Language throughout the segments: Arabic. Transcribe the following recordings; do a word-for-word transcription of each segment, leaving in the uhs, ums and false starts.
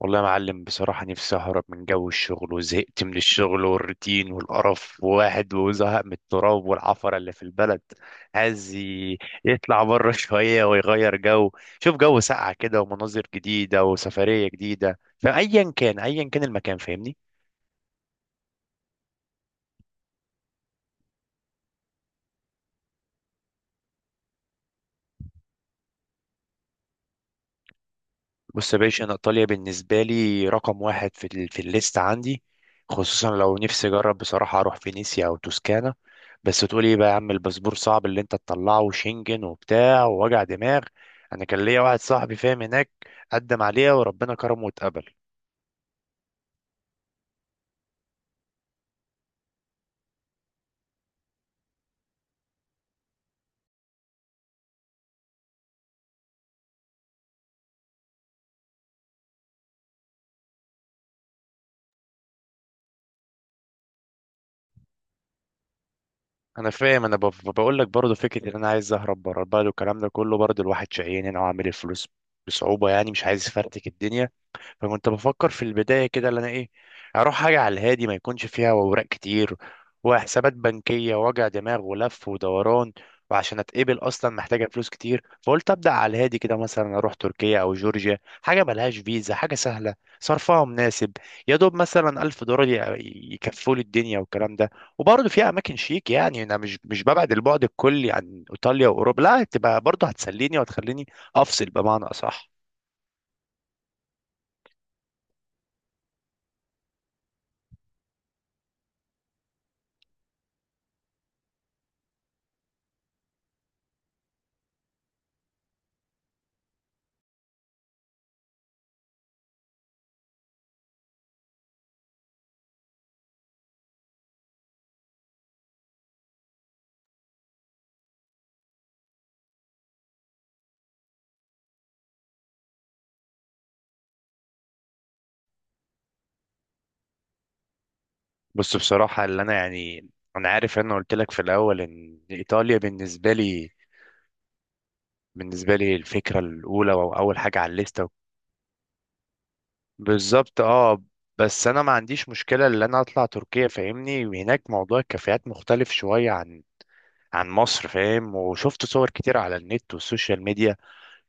والله يا معلم بصراحة نفسي أهرب من جو الشغل وزهقت من الشغل والروتين والقرف وواحد وزهق من التراب والعفرة اللي في البلد. عايز ي- يطلع بره شوية ويغير جو. شوف جو ساقع كده ومناظر جديدة وسفرية جديدا، فأيا كان أيا كان المكان، فاهمني. بص يا باشا، انا ايطاليا بالنسبه لي رقم واحد في ال... في الليست عندي، خصوصا لو نفسي اجرب. بصراحه اروح فينيسيا او توسكانا. بس تقول ايه بقى يا عم، الباسبور صعب اللي انت تطلعه، وشنجن وبتاع ووجع دماغ. انا كان ليا واحد صاحبي فاهم هناك، قدم عليها وربنا كرمه واتقبل. انا فاهم، انا بف- بقول لك برضه فكره ان انا عايز اهرب بره البلد والكلام ده كله. برضه الواحد شقيان هنا وعامل الفلوس بصعوبه، يعني مش عايز افرتك الدنيا. فكنت بفكر في البداية كده، اللي أنا إيه، أروح حاجة على الهادي ما يكونش فيها أوراق كتير وحسابات بنكية ووجع دماغ ولف ودوران. وعشان أتقبل أصلا محتاجة فلوس كتير، فقلت أبدأ على الهادي كده، مثلا أروح تركيا أو جورجيا، حاجة ملهاش فيزا، حاجة سهلة، صرفها مناسب. يا دوب مثلا ألف دولار ي- يكفوا لي الدنيا والكلام ده. وبرضه فيها أماكن شيك، يعني أنا مش مش ببعد البعد الكلي عن إيطاليا وأوروبا، لا، تبقى برضه هتسليني وهتخليني أفصل بمعنى أصح. بص، بصراحة اللي أنا يعني، أنا عارف، أنا قلت لك في الأول إن إيطاليا بالنسبة لي، بالنسبة لي الفكرة الأولى أو أول حاجة على الليستة. بالظبط، أه. بس أنا ما عنديش مشكلة إن أنا أطلع تركيا، فاهمني، وهناك موضوع الكافيهات مختلف شوية عن عن مصر، فاهم، وشفت صور كتير على النت والسوشيال ميديا.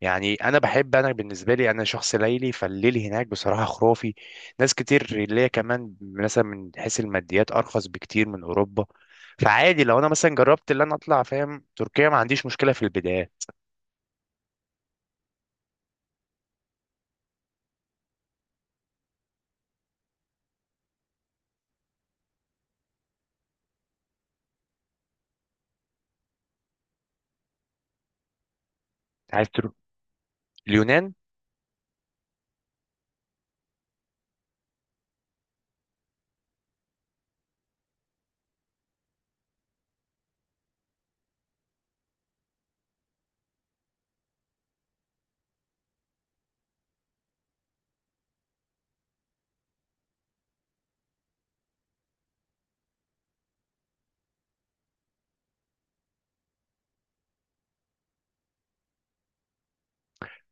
يعني انا بحب، انا بالنسبه لي انا شخص ليلي، فالليل هناك بصراحه خرافي. ناس كتير اللي هي كمان مثلا من حيث الماديات ارخص بكتير من اوروبا. فعادي لو انا مثلا جربت اللي انا اطلع، فاهم، تركيا ما عنديش مشكله في البدايه. عارف ترو... اليونان.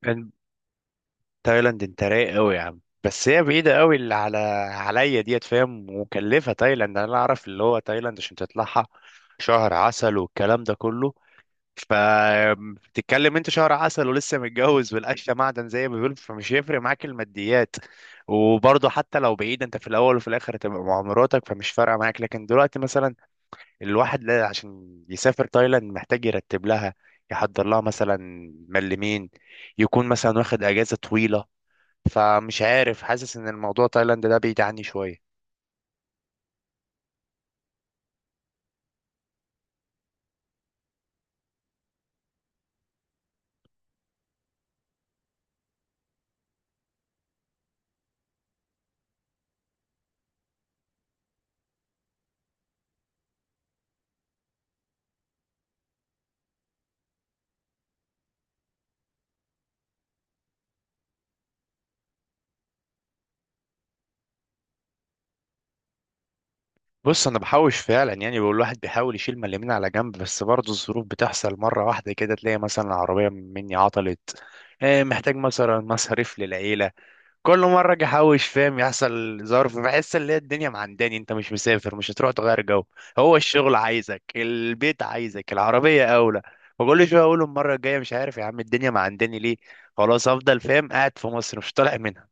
كان تايلاند انت رايق قوي يا عم، بس هي بعيده قوي اللي على عليا ديت، فاهم. مكلفه تايلاند، انا اعرف، اللي هو تايلاند عشان تطلعها شهر عسل والكلام ده كله. فبتتكلم انت شهر عسل ولسه متجوز، والقشه معدن زي ما بيقولوا، فمش هيفرق معاك الماديات. وبرضه حتى لو بعيد، انت في الاول وفي الاخر هتبقى مع مراتك، فمش فارقه معاك. لكن دلوقتي مثلا الواحد لا، عشان يسافر تايلاند محتاج يرتب لها، يحضر لها، مثلا ملمين، يكون مثلا واخد اجازه طويله. فمش عارف، حاسس ان الموضوع تايلاند ده بعيد عني شويه. بص انا بحوش فعلا، يعني بقول الواحد بيحاول يشيل من اليمين على جنب، بس برضه الظروف بتحصل مره واحده كده، تلاقي مثلا العربيه مني عطلت، إيه، محتاج مثلا مصاريف للعيله. كل مره اجي احوش، فاهم، يحصل ظرف، بحس ان هي الدنيا معنداني، انت مش مسافر، مش هتروح تغير جو، هو الشغل عايزك، البيت عايزك، العربيه اولى. وكل شويه اقول المره الجايه، مش عارف يا عم الدنيا معنداني ليه، خلاص افضل، فاهم، قاعد في مصر مش طالع منها.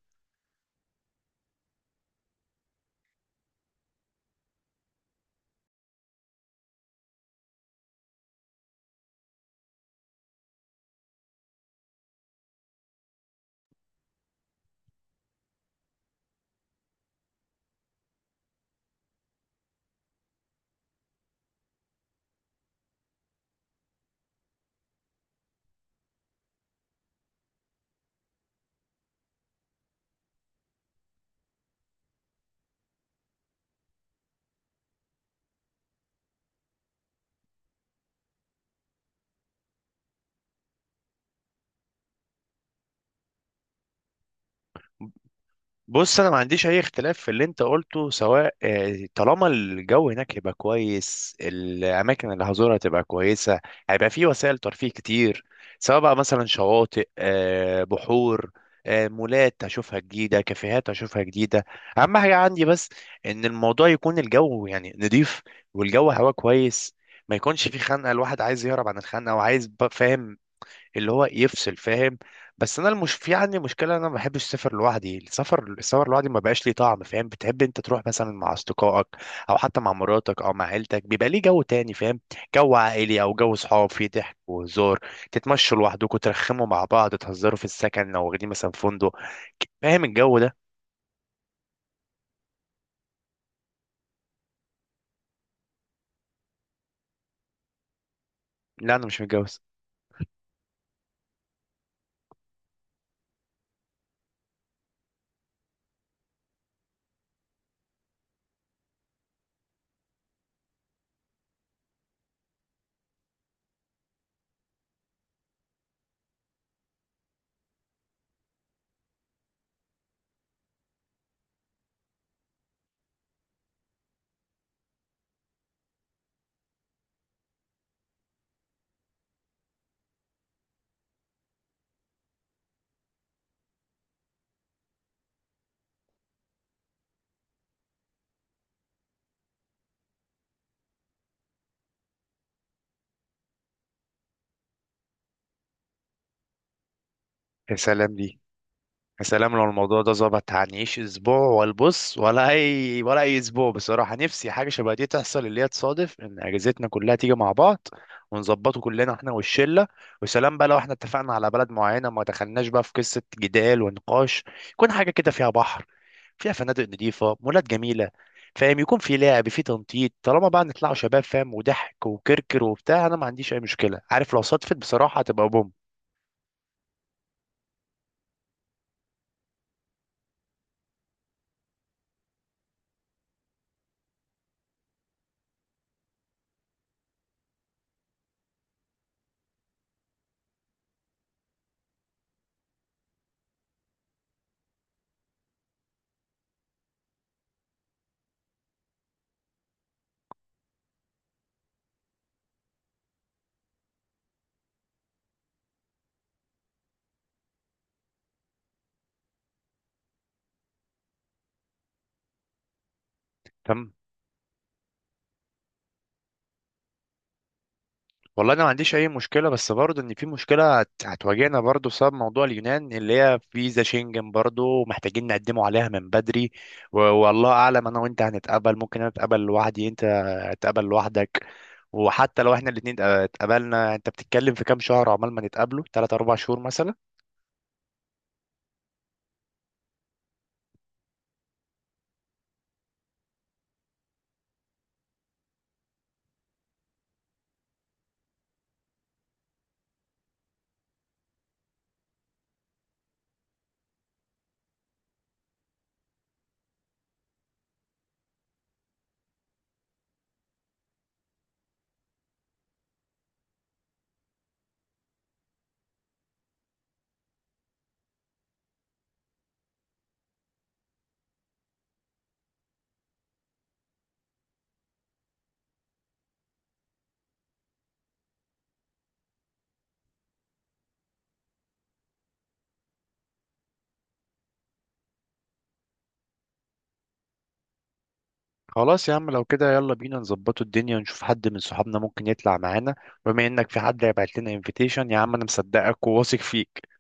بص انا ما عنديش اي اختلاف في اللي انت قلته، سواء آه، طالما الجو هناك هيبقى كويس، الاماكن اللي هزورها تبقى كويسه، هيبقى في وسائل ترفيه كتير، سواء بقى مثلا شواطئ، آه، بحور، آه، مولات هشوفها جديده، كافيهات هشوفها جديده. اهم حاجه عندي بس ان الموضوع يكون الجو يعني نضيف، والجو هوا كويس، ما يكونش في خنقه. الواحد عايز يهرب عن الخنقه، وعايز بقى، فاهم، اللي هو يفصل، فاهم. بس انا المش في عندي مشكله، انا ما بحبش السفر لوحدي. السفر، السفر لوحدي ما بقاش ليه طعم، فاهم. بتحب انت تروح مثلا مع اصدقائك او حتى مع مراتك او مع عيلتك، بيبقى ليه جو تاني، فاهم. جو عائلي او جو صحاب فيه ضحك وهزار، تتمشوا لوحدكم، ترخموا مع بعض، تهزروا في السكن لو واخدين مثلا فندق، فاهم الجو ده. لا، انا مش متجوز. يا سلام دي. يا سلام، لو الموضوع ده ظبط، هنعيش اسبوع والبص، ولا اي ولا اي. اسبوع بصراحه نفسي حاجه شبه دي تحصل، اللي هي تصادف ان اجازتنا كلها تيجي مع بعض، ونظبطه كلنا احنا والشله. وسلام بقى لو احنا اتفقنا على بلد معينه، ما دخلناش بقى في قصه جدال ونقاش. يكون حاجه كده فيها بحر، فيها فنادق نظيفه، مولات جميله، فاهم، يكون في لعب، في تنطيط، طالما بقى نطلعوا شباب، فاهم، وضحك وكركر وبتاع، انا ما عنديش اي مشكله. عارف، لو صدفت بصراحه هتبقى بوم. تمام. والله انا ما عنديش اي مشكله، بس برضه ان في مشكله هت- هتواجهنا برضه، بسبب موضوع اليونان، اللي هي فيزا شنجن برضه محتاجين نقدمه عليها من بدري. و- والله اعلم انا وانت هنتقبل، ممكن انا اتقبل لوحدي، انت هتقبل لوحدك. وحتى لو احنا الاتنين اتقبلنا، انت بتتكلم في كام شهر عقبال ما نتقابله، ثلاثة اربع شهور مثلا. خلاص يا عم لو كده، يلا بينا نظبطوا الدنيا ونشوف حد من صحابنا ممكن يطلع معانا، بما انك في حد هيبعت لنا انفيتيشن. يا عم انا مصدقك وواثق فيك.